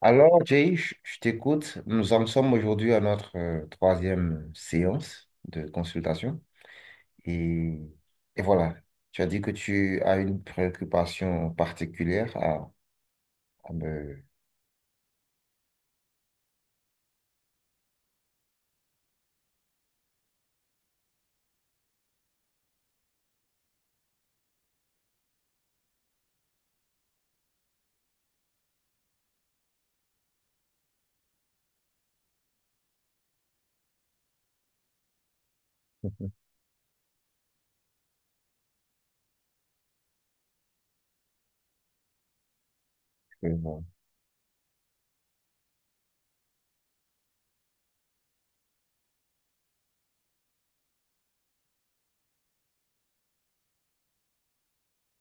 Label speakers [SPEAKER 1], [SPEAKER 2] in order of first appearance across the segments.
[SPEAKER 1] Alors, Jay, je t'écoute. Nous en sommes aujourd'hui à notre troisième séance de consultation. Et, et voilà, tu as dit que tu as une préoccupation particulière à me... Mhm. Je vois.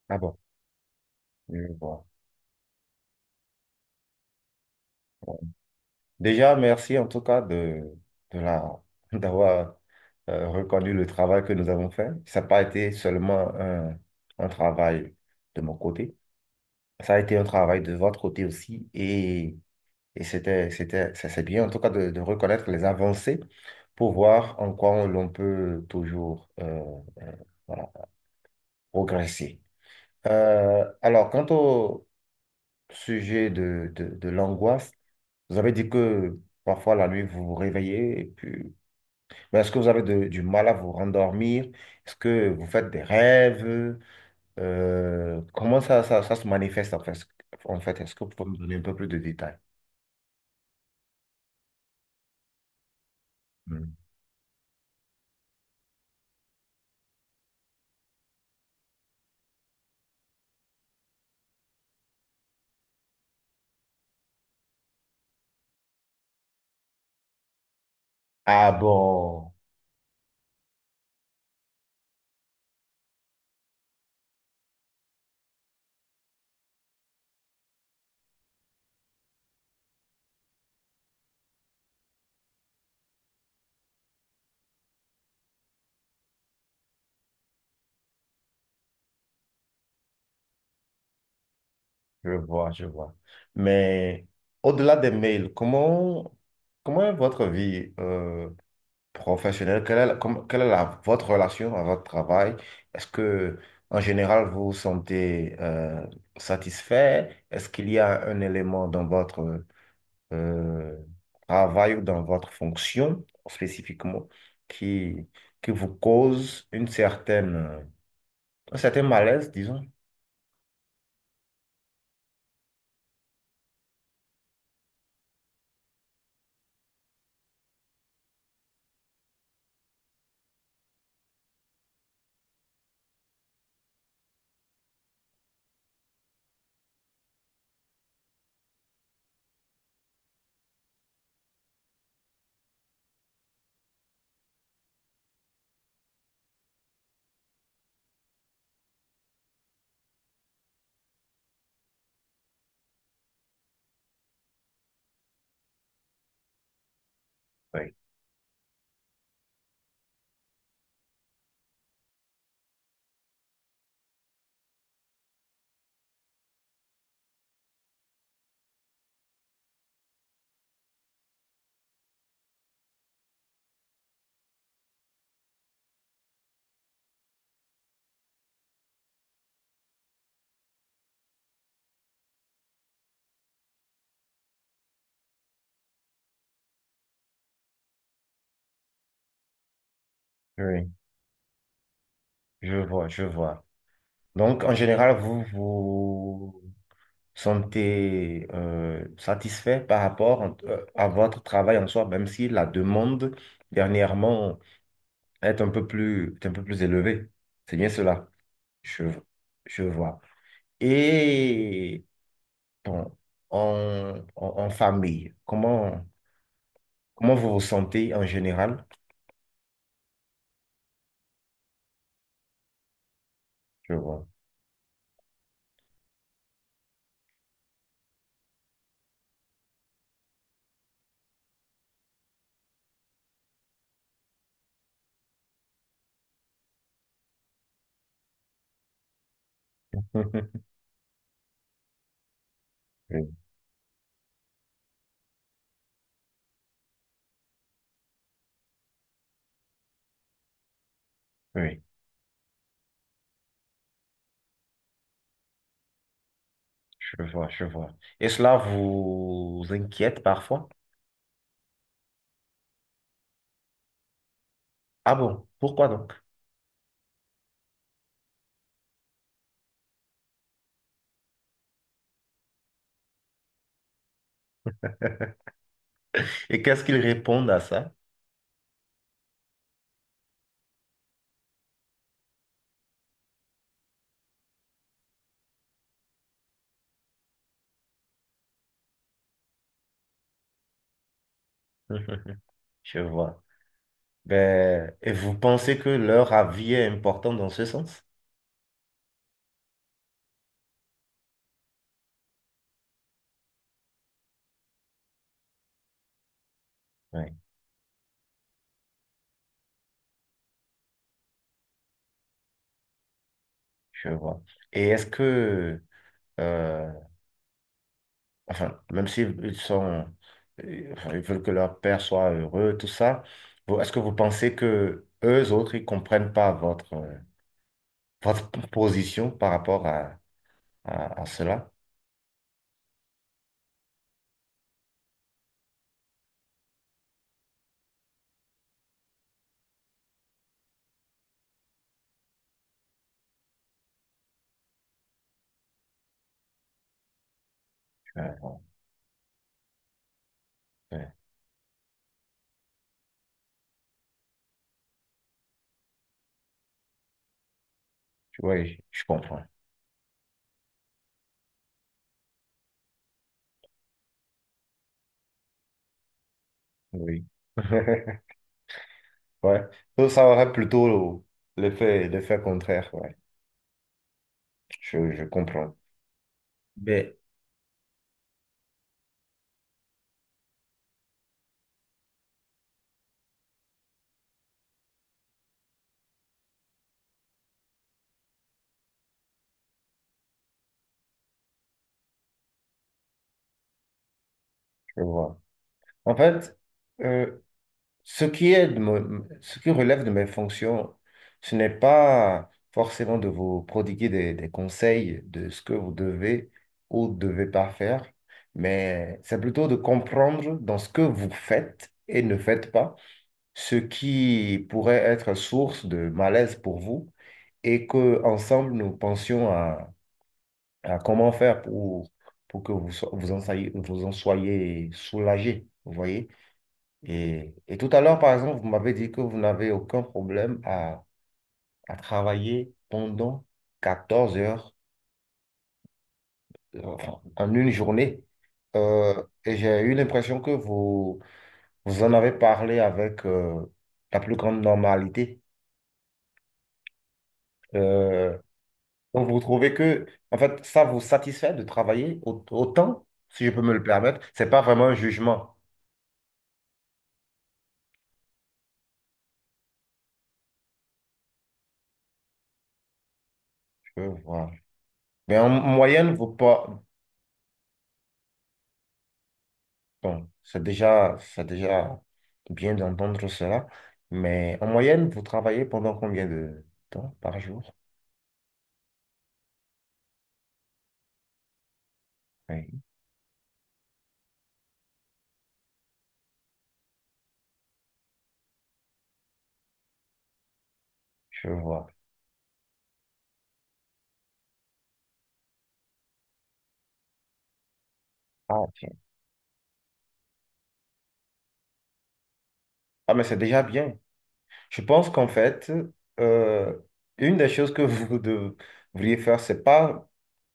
[SPEAKER 1] Ah bon, je vois. Déjà, merci en tout cas de la, d'avoir reconnu le travail que nous avons fait. Ça n'a pas été seulement un travail de mon côté, ça a été un travail de votre côté aussi. Et c'était, c'était, ça c'est bien, en tout cas, de reconnaître les avancées pour voir en quoi on- l'on peut toujours euh, voilà, progresser. Alors, quant au sujet de l'angoisse, vous avez dit que parfois la nuit, vous vous réveillez, et puis... mais est-ce que vous avez de- du mal à vous rendormir? Est-ce que vous faites des rêves? Comment ça, ça, ça se manifeste en fait? En fait, est-ce que vous pouvez me donner un peu plus de détails? Hmm. Ah bon. Je vois, je vois. Mais au-delà des mails, comment, comment est votre vie professionnelle? Quelle est, la- comme- quelle est la- votre relation à votre travail? Est-ce que, en général, vous vous sentez satisfait? Est-ce qu'il y a un élément dans votre euh, travail ou dans votre fonction spécifiquement qui, qui vous cause une certaine, un certain malaise, disons? Oui. Oui, je vois, je vois. Donc, en général, vous vous sentez satisfait par rapport à votre travail en soi, même si la demande dernièrement est un peu plus, est un peu plus élevée. C'est bien cela, je, je vois. Et bon, en, en, en famille, comment, comment vous vous sentez en général? Je vois. Oui, oui, je vois, je vois. Et cela vous inquiète parfois? Ah bon, pourquoi donc? Et qu'est-ce qu'ils répondent à ça? Je vois. Ben, et vous pensez que leur avis est important dans ce sens? Oui, je vois. Et est-ce que, euh, enfin, même s'ils sont, enfin, ils veulent que leur père soit heureux, tout ça, vous- est-ce que vous pensez que eux autres, ils comprennent pas votre, votre position par rapport à cela? Euh, ouais. Oui, je comprends. Oui. Ouais. Donc, ça aurait plutôt l'effet, l'effet contraire. Ouais. Je comprends. Mais je vois. En fait, euh, ce qui est de mon- ce qui relève de mes fonctions, ce n'est pas forcément de vous prodiguer des conseils de ce que vous devez ou devez pas faire, mais c'est plutôt de comprendre dans ce que vous faites et ne faites pas, ce qui pourrait être source de malaise pour vous et que ensemble nous pensions. Comment faire pour que vous, so- vous en soyez soulagé, vous voyez? Et tout à l'heure, par exemple, vous m'avez dit que vous n'avez aucun problème à travailler pendant 14 heures euh, en en une journée. Et j'ai eu l'impression que vous, vous en avez parlé avec la plus grande normalité. Euh, donc, vous trouvez que, en fait, ça vous satisfait de travailler au- autant, si je peux me le permettre. C'est pas vraiment un jugement. Je- voilà. Mais en moyenne, vous pas... Bon, c'est déjà bien d'entendre cela, mais en moyenne, vous travaillez pendant combien de temps par jour? Oui, je vois. Ah, ok. Ah, mais c'est déjà bien. Je pense qu'en fait, euh, une des choses que vous devriez faire, c'est pas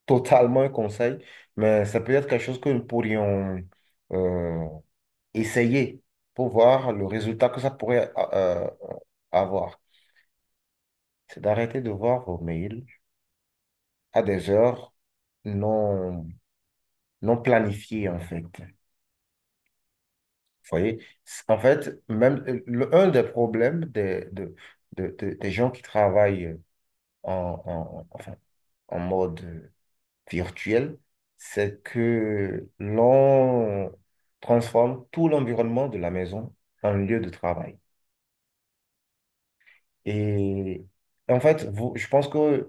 [SPEAKER 1] totalement un conseil, mais c'est peut-être quelque chose que nous pourrions euh, essayer pour voir le résultat que ça pourrait avoir. C'est d'arrêter de voir vos mails à des heures non, non planifiées, en fait. Vous voyez? C'est- en fait, même le- un des problèmes des, des gens qui travaillent en, en- enfin, en mode virtuel, c'est que l'on transforme tout l'environnement de la maison en lieu de travail. Et en fait, vous- je pense que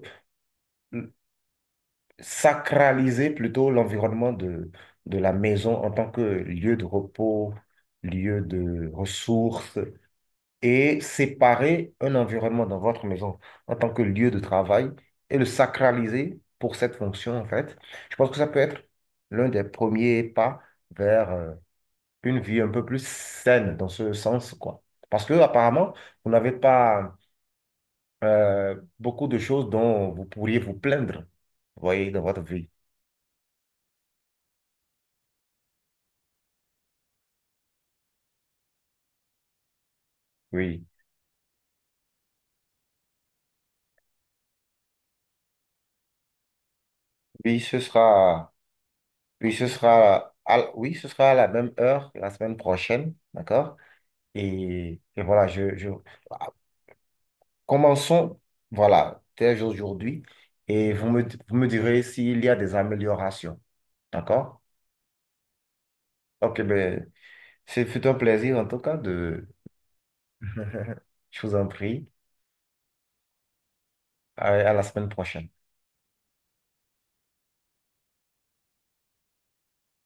[SPEAKER 1] sacraliser plutôt l'environnement de la maison en tant que lieu de repos, lieu de ressources, et séparer un environnement dans votre maison en tant que lieu de travail et le sacraliser pour cette fonction, en fait. Je pense que ça peut être l'un des premiers pas vers une vie un peu plus saine dans ce sens, quoi. Parce que apparemment, vous n'avez pas beaucoup de choses dont vous pourriez vous plaindre, vous voyez, dans votre vie. Oui. Oui, ce sera, oui, ce sera, à, l- oui, ce sera à la même heure la semaine prochaine, d'accord? Et voilà, ah, commençons, voilà, dès aujourd'hui, et vous me direz s'il y a des améliorations, d'accord? Ok, ben, c'est fut un plaisir en tout cas de, je vous en prie, à la semaine prochaine.